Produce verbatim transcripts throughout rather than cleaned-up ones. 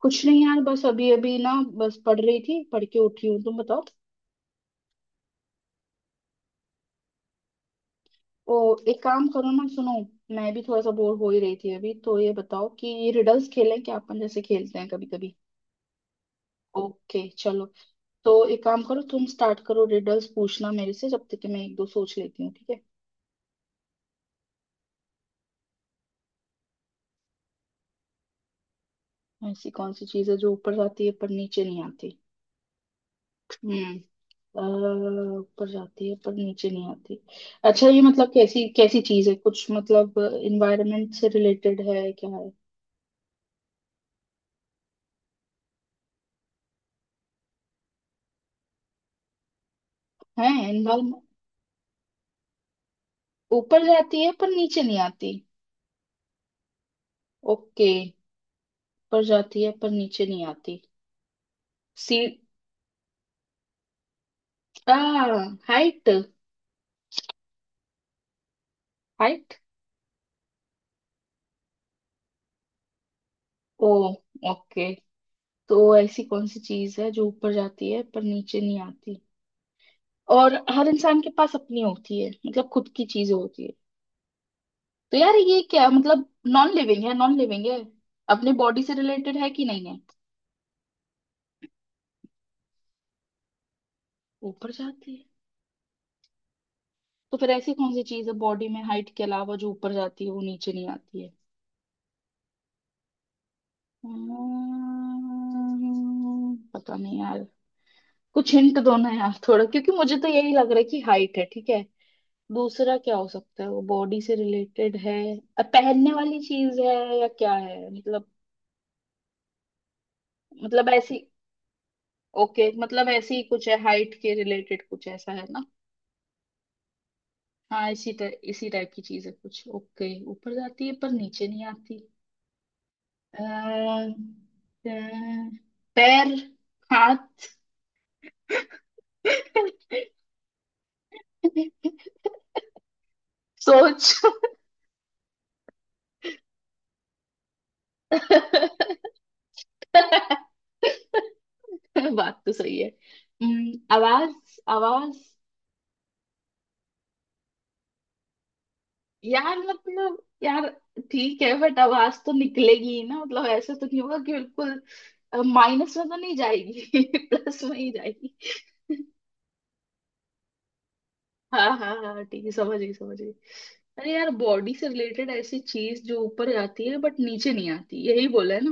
कुछ नहीं यार, बस अभी अभी ना, बस पढ़ रही थी, पढ़ के उठी हूँ, तुम बताओ। ओ एक काम करो ना, सुनो। मैं भी थोड़ा सा बोर हो ही रही थी अभी, तो ये बताओ कि रिडल्स खेलें क्या अपन, जैसे खेलते हैं कभी कभी। ओके चलो। तो एक काम करो, तुम स्टार्ट करो रिडल्स पूछना मेरे से, जब तक कि मैं एक दो सोच लेती हूँ, ठीक है। ऐसी कौन सी चीज है जो ऊपर जाती है पर नीचे नहीं आती? हम्म। अ, ऊपर जाती है पर नीचे नहीं आती। अच्छा, ये मतलब कैसी कैसी चीज है? कुछ मतलब इन्वायरमेंट से रिलेटेड है, क्या है? है इन्वॉल्व। ऊपर जाती है पर नीचे नहीं आती। ओके, ऊपर जाती है पर नीचे नहीं आती। सी। आ। हाइट। हाइट। ओ। ओके। तो ऐसी कौन सी चीज है जो ऊपर जाती है पर नीचे नहीं आती और हर इंसान के पास अपनी होती है, मतलब खुद की चीज होती है। तो यार ये क्या मतलब, नॉन लिविंग है? नॉन लिविंग है? अपने बॉडी से रिलेटेड है कि नहीं है? ऊपर जाती है। तो फिर ऐसी कौन सी चीज है बॉडी में, हाइट के अलावा, जो ऊपर जाती है वो नीचे नहीं आती है? हम्म, पता नहीं यार। कुछ हिंट दो ना यार थोड़ा, क्योंकि मुझे तो यही लग रहा है कि हाइट है, ठीक है। दूसरा क्या हो सकता है वो, बॉडी से रिलेटेड है? अ, पहनने वाली चीज है या क्या है मतलब? मतलब ऐसी ओके, मतलब ऐसी ही कुछ है हाइट के रिलेटेड, कुछ ऐसा है ना? हाँ, इसी टाइप इसी टाइप की चीज है कुछ। ओके, ऊपर जाती है पर नीचे नहीं आती। अ, अ, पैर। हाथ। सोच। बात तो सही है। हम्म, आवाज, आवाज। यार, मतलब, यार ठीक है बट आवाज तो निकलेगी ही ना, मतलब ऐसे तो नहीं होगा कि बिल्कुल माइनस में तो नहीं जाएगी, प्लस में ही जाएगी। हाँ हाँ हाँ, ठीक है, समझ गई समझ गई। अरे यार, बॉडी से रिलेटेड ऐसी चीज जो ऊपर जाती है बट नीचे नहीं आती, यही बोला है ना?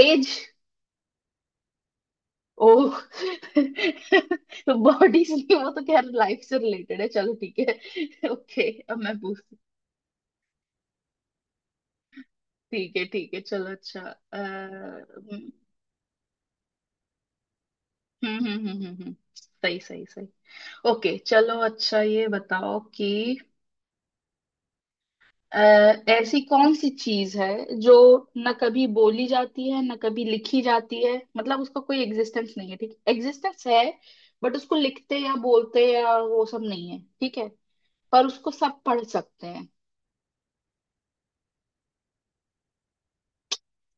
एज। ओ बॉडी से नहीं, वो तो खैर लाइफ से रिलेटेड है। चलो, ठीक है ओके अब मैं पूछ। ठीक है ठीक है चलो। अच्छा, अ, हम्म। हम्म हम्म हम्म हम्म, हम्म। सही सही सही। ओके चलो, अच्छा ये बताओ कि, अ, ऐसी कौन सी चीज है जो न कभी बोली जाती है न कभी लिखी जाती है, मतलब उसका कोई एग्जिस्टेंस नहीं है, ठीक एग्जिस्टेंस है बट उसको लिखते या बोलते या वो सब नहीं है, ठीक है। पर उसको सब पढ़ सकते हैं।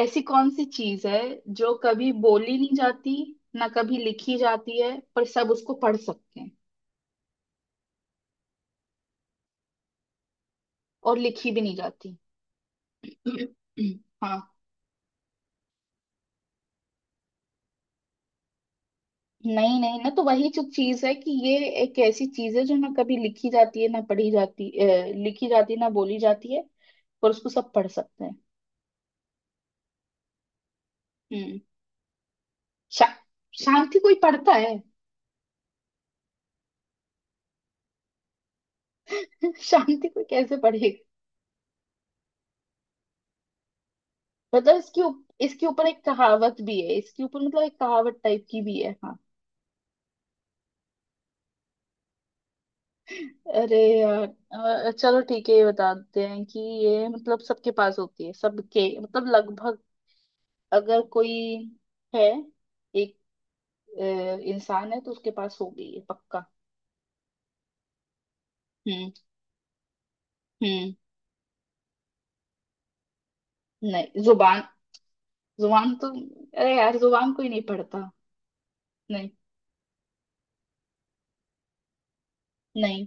ऐसी कौन सी चीज है जो कभी बोली नहीं जाती ना कभी लिखी जाती है, पर सब उसको पढ़ सकते हैं। और लिखी भी नहीं जाती। हाँ। नहीं नहीं, ना तो वही जो चीज है कि ये एक ऐसी चीज है जो ना कभी लिखी जाती है ना पढ़ी जाती, अ, लिखी जाती है ना बोली जाती है, पर उसको सब पढ़ सकते हैं। हम्म। शा, शांति कोई पढ़ता है? शांति कोई कैसे पढ़ेगा? मतलब इसके उप- इसके ऊपर एक कहावत भी है, इसके ऊपर मतलब एक कहावत टाइप की भी है, हाँ। अरे यार। अ, चलो ठीक है, ये बताते हैं कि, ये मतलब सबके पास होती है, सबके मतलब लगभग, अगर कोई है एक अ, इंसान है तो उसके पास होगी ये पक्का। हम्म। हम्म। नहीं, जुबान? जुबान तो, अरे यार जुबान कोई नहीं पढ़ता। नहीं नहीं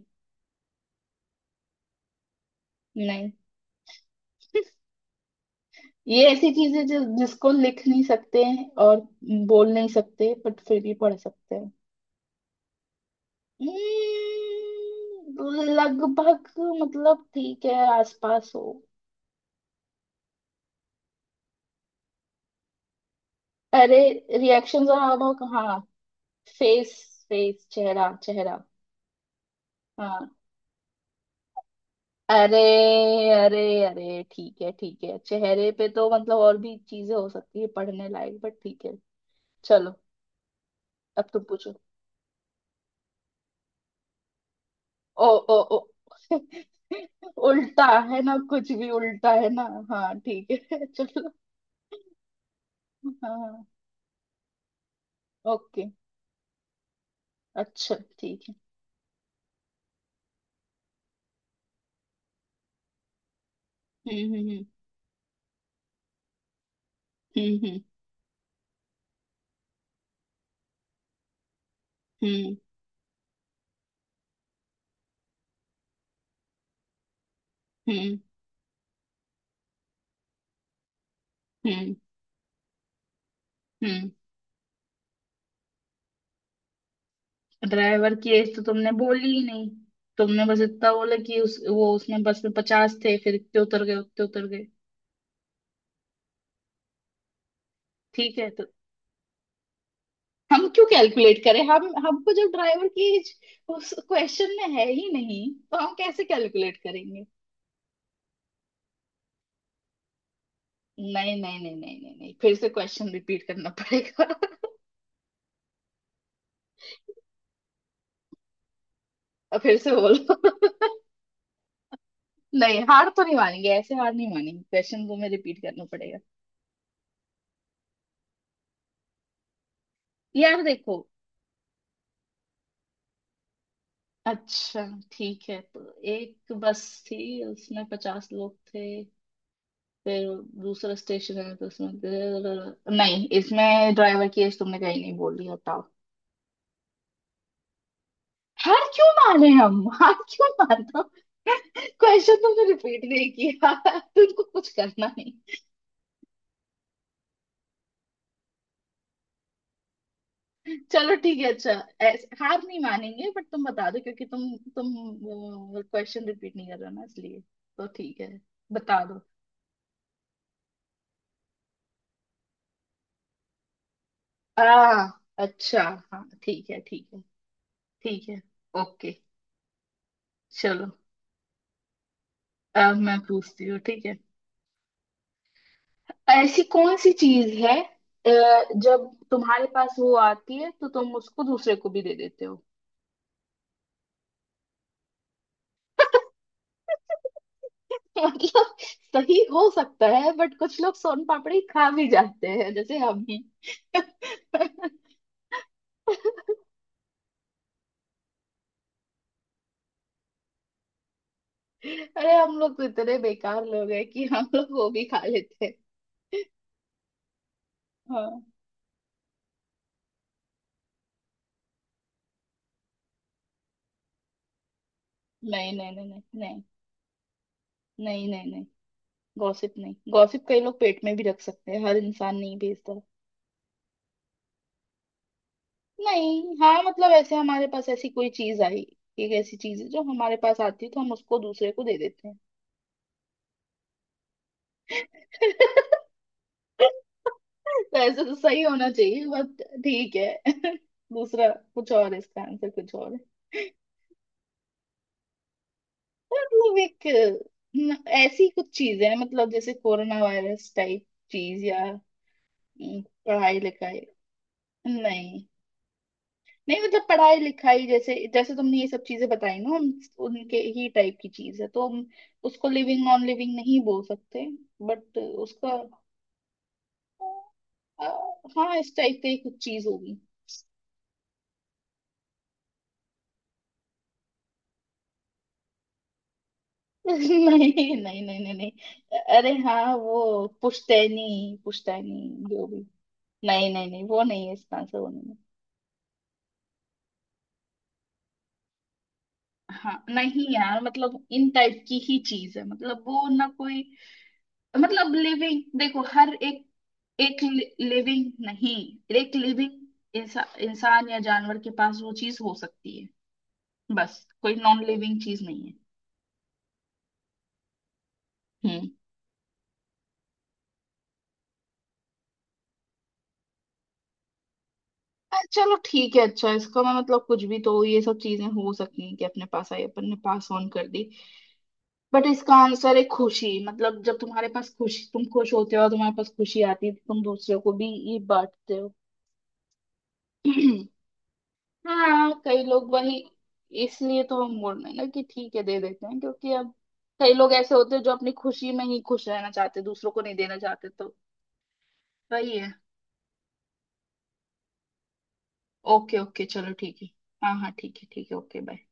नहीं। ये ऐसी चीज है जो जिसको लिख नहीं सकते हैं और बोल नहीं सकते, बट फिर भी पढ़ सकते हैं। हम्म, लगभग, मतलब ठीक है, आसपास हो। अरे, रिएक्शन जरा अब। हाँ। फेस। फेस, चेहरा चेहरा। हाँ। अरे अरे अरे ठीक है ठीक है, चेहरे पे तो मतलब और भी चीजें हो सकती है पढ़ने लायक, बट ठीक है। चलो। अब तुम पूछो। ओ। ओ ओ। उल्टा, है ना? कुछ भी उल्टा है ना। हाँ ठीक है चलो। हाँ हाँ। ओके। अच्छा ठीक है। हम्म हम्म हम्म। हम्म हम्म। हम्म। हम्म हम्म हम्म। ड्राइवर की एज तो तुमने बोली ही नहीं। तुमने बस इतना बोला कि उस वो उसमें बस में पचास थे, फिर इतने उतर गए उतने उतर गए, ठीक है तो। हम क्यों कैलकुलेट करें? हम हमको जब ड्राइवर की एज उस क्वेश्चन में है ही नहीं, तो हम कैसे कैलकुलेट करेंगे? नहीं नहीं नहीं नहीं नहीं नहीं, फिर से क्वेश्चन रिपीट करना पड़ेगा और फिर से बोलो। नहीं, हार तो नहीं मानेंगे, ऐसे हार नहीं मानेंगे, क्वेश्चन को मैं रिपीट करना पड़ेगा। यार देखो। अच्छा ठीक है, तो एक बस थी, उसमें पचास लोग थे, फिर दूसरा स्टेशन है तो उसमें फिर- नहीं, इसमें ड्राइवर की एज तुमने कहीं नहीं बोली, हटाओ। हार क्यों माने हम? हार क्यों मानता? क्वेश्चन तुमने रिपीट नहीं किया, तुमको कुछ करना नहीं। चलो ठीक है, अच्छा ऐस- हार नहीं मानेंगे, बट तुम बता दो, क्योंकि तुम तुम क्वेश्चन रिपीट नहीं कर रहे हो ना, इसलिए तो ठीक है, बता दो। आ, अच्छा। हाँ ठीक है ठीक है। ठीक है। ओके। चलो। अब मैं पूछती हूँ, ठीक है। ऐसी कौन सी चीज है अ, जब तुम्हारे पास वो आती है तो तुम उसको दूसरे को भी दे देते हो? मतलब सही हो सकता है, बट कुछ लोग सोन पापड़ी खा भी जाते हैं, जैसे हम ही अरे हम लोग तो इतने बेकार लोग हैं कि हम लोग वो भी खा लेते हैं। हाँ। नहीं नहीं नहीं नहीं नहीं। नहीं नहीं नहीं। गॉसिप नहीं, गॉसिप कई लोग पेट में भी रख सकते हैं, हर इंसान नहीं भेजता। नहीं, हाँ मतलब ऐसे हमारे पास ऐसी कोई चीज आई। एक ऐसी चीज है जो हमारे पास आती है तो हम उसको दूसरे को दे देते हैं। तो ऐसे तो सही होना चाहिए, बट ठीक है दूसरा। कुछ और है, इसका आंसर कुछ और है। मतलब एक, न- ऐसी कुछ चीज है, मतलब जैसे कोरोना वायरस टाइप चीज, या, अम, पढ़ाई लिखाई। नहीं नहीं, मतलब पढ़ाई लिखाई जैसे जैसे तुमने ये सब चीजें बताई ना, उन, उनके ही टाइप की चीज है, तो हम उसको लिविंग नॉन लिविंग नहीं बोल सकते, बट उसका, अ, हाँ, इस टाइप की कुछ चीज होगी। नहीं नहीं नहीं नहीं नहीं। अरे हाँ, वो पुश्तैनी, पुश्तैनी जो भी। नहीं नहीं नहीं, वो नहीं है, इसका आंसर वो नहीं है। हाँ नहीं यार, मतलब इन टाइप की ही चीज है, मतलब वो ना कोई, मतलब लिविंग, देखो हर एक, एक लिविंग, नहीं, एक लिविंग इंसा, इंसान या जानवर के पास वो चीज हो सकती है, बस कोई नॉन लिविंग चीज नहीं है। हम्म। अ, चलो ठीक है, अच्छा इसका मैं मतलब, कुछ भी तो ये सब चीजें हो सकती हैं कि अपने पास आई अपन ने पास ऑन कर दी, बट इसका आंसर है खुशी। मतलब जब तुम्हारे पास खुशी, तुम खुश होते हो और तुम्हारे पास खुशी आती है तो तुम दूसरे को भी ये बांटते हो। हाँ कई लोग वही, इसलिए तो हम बोल रहे हैं ना कि ठीक है दे देते हैं, क्योंकि अब कई लोग ऐसे होते हैं जो अपनी खुशी में ही खुश रहना चाहते, दूसरों को नहीं देना चाहते, तो वही है। ओके ओके चलो ठीक है। हाँ हाँ ठीक है ठीक है, ओके बाय।